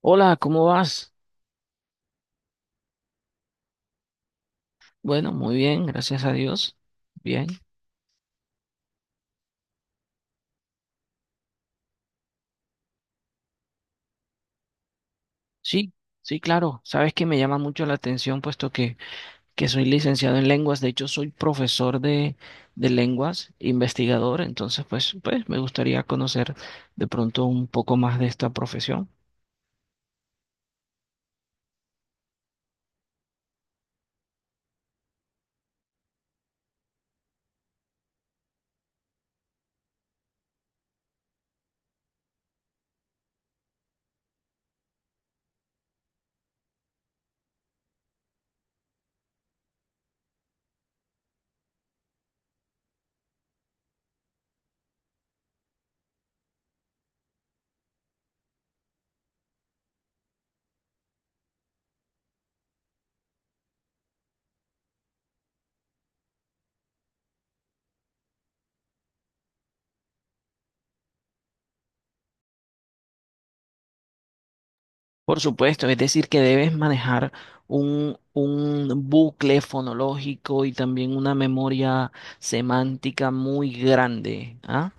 Hola, ¿cómo vas? Bueno, muy bien, gracias a Dios. Bien. Sí, sí, claro. Sabes que me llama mucho la atención, puesto que, soy licenciado en lenguas. De hecho, soy profesor de, lenguas, investigador. Entonces, pues, me gustaría conocer de pronto un poco más de esta profesión. Por supuesto, es decir, que debes manejar un bucle fonológico y también una memoria semántica muy grande, ¿ah?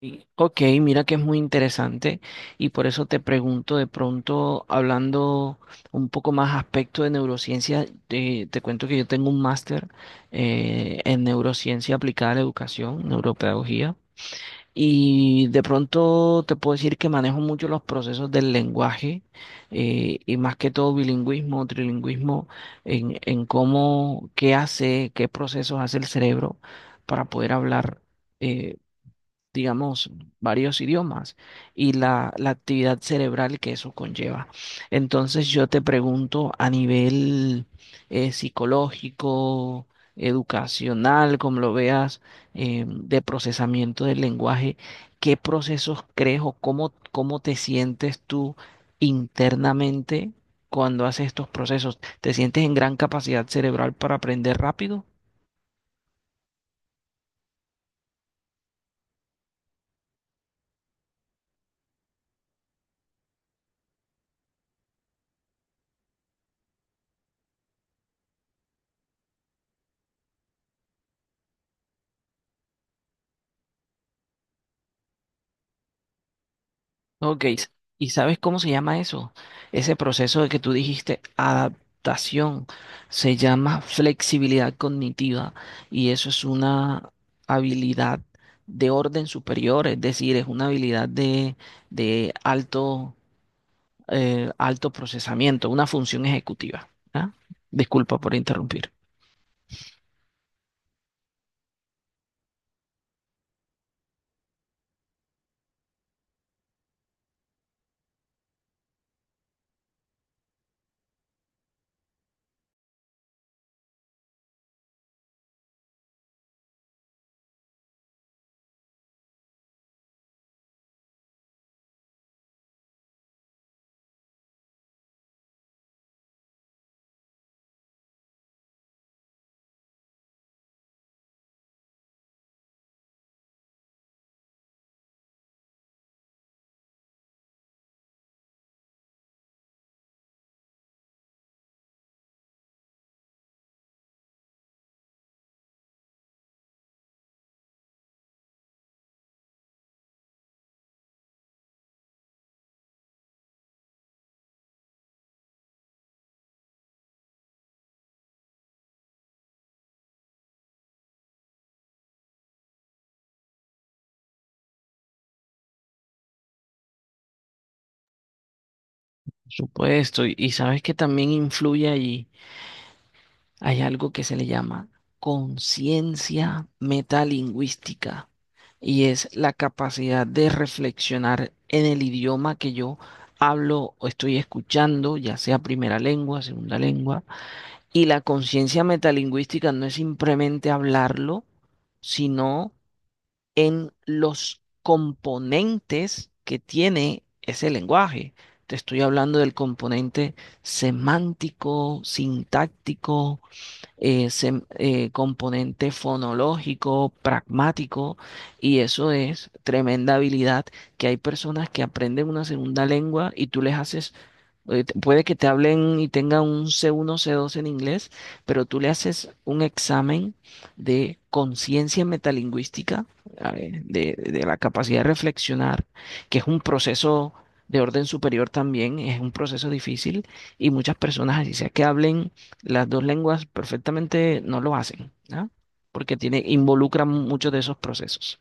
Ok, mira que es muy interesante y por eso te pregunto de pronto, hablando un poco más aspecto de neurociencia, te cuento que yo tengo un máster en neurociencia aplicada a la educación, neuropedagogía. Y de pronto te puedo decir que manejo mucho los procesos del lenguaje y más que todo bilingüismo, trilingüismo, en cómo, qué hace, qué procesos hace el cerebro para poder hablar. Eh, digamos, varios idiomas y la actividad cerebral que eso conlleva. Entonces yo te pregunto a nivel psicológico, educacional, como lo veas, de procesamiento del lenguaje, ¿qué procesos crees o cómo te sientes tú internamente cuando haces estos procesos? ¿Te sientes en gran capacidad cerebral para aprender rápido? Ok, ¿y sabes cómo se llama eso? Ese proceso de que tú dijiste, adaptación, se llama flexibilidad cognitiva y eso es una habilidad de orden superior, es decir, es una habilidad de, de alto, alto procesamiento, una función ejecutiva. ¿Ah? Disculpa por interrumpir. Por supuesto, y, sabes que también influye allí. Hay algo que se le llama conciencia metalingüística y es la capacidad de reflexionar en el idioma que yo hablo o estoy escuchando, ya sea primera lengua, segunda lengua. Y la conciencia metalingüística no es simplemente hablarlo, sino en los componentes que tiene ese lenguaje. Te estoy hablando del componente semántico, sintáctico ese componente fonológico, pragmático, y eso es tremenda habilidad que hay personas que aprenden una segunda lengua y tú les haces Puede que te hablen y tengan un C1, C2 en inglés, pero tú le haces un examen de conciencia metalingüística, a ver, de, la capacidad de reflexionar, que es un proceso de orden superior también, es un proceso difícil y muchas personas, así sea que hablen las dos lenguas perfectamente, no lo hacen, ¿ah? Porque tiene, involucran muchos de esos procesos.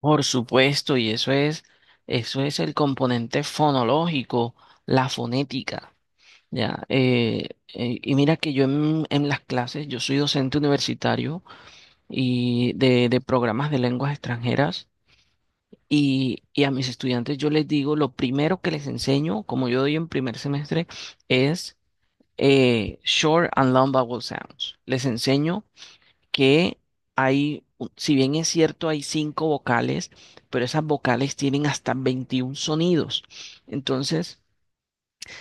Por supuesto, y eso es el componente fonológico, la fonética. Ya, y mira que yo en, las clases, yo soy docente universitario y de, programas de lenguas extranjeras y, a mis estudiantes yo les digo, lo primero que les enseño, como yo doy en primer semestre, es short and long vowel sounds. Les enseño que hay, si bien es cierto, hay cinco vocales, pero esas vocales tienen hasta 21 sonidos. Entonces...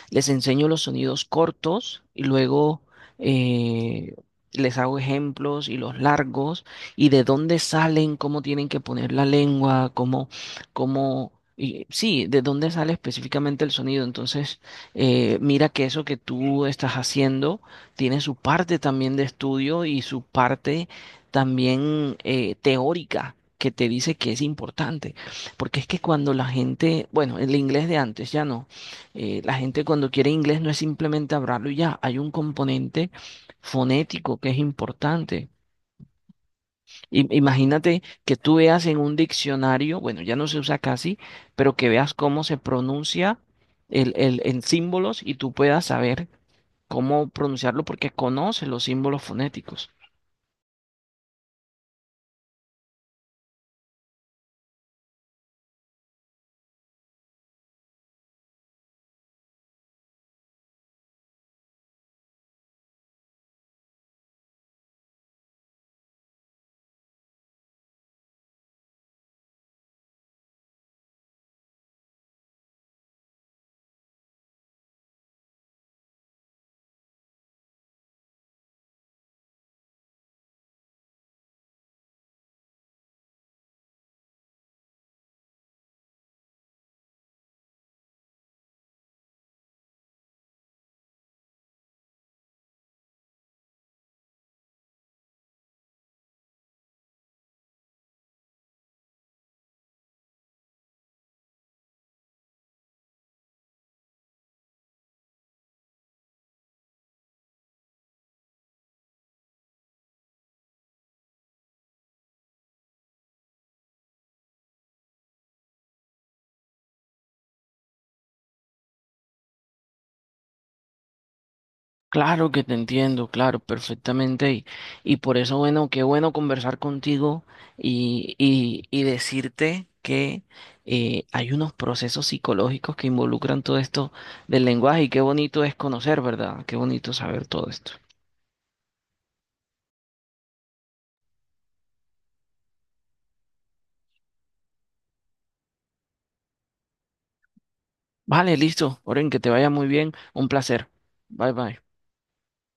Les enseño los sonidos cortos y luego eh, les hago ejemplos y los largos y de dónde salen, cómo tienen que poner la lengua, cómo, y, sí, de dónde sale específicamente el sonido. Entonces, mira que eso que tú estás haciendo tiene su parte también de estudio y su parte también teórica, que te dice que es importante, porque es que cuando la gente, bueno, el inglés de antes ya no, la gente cuando quiere inglés no es simplemente hablarlo y ya, hay un componente fonético que es importante. Imagínate que tú veas en un diccionario, bueno, ya no se usa casi, pero que veas cómo se pronuncia en símbolos y tú puedas saber cómo pronunciarlo porque conoces los símbolos fonéticos. Claro que te entiendo, claro, perfectamente. Y, por eso, bueno, qué bueno conversar contigo y, decirte que hay unos procesos psicológicos que involucran todo esto del lenguaje y qué bonito es conocer, ¿verdad? Qué bonito saber todo esto. Vale, listo. Oren, que te vaya muy bien. Un placer. Bye, bye.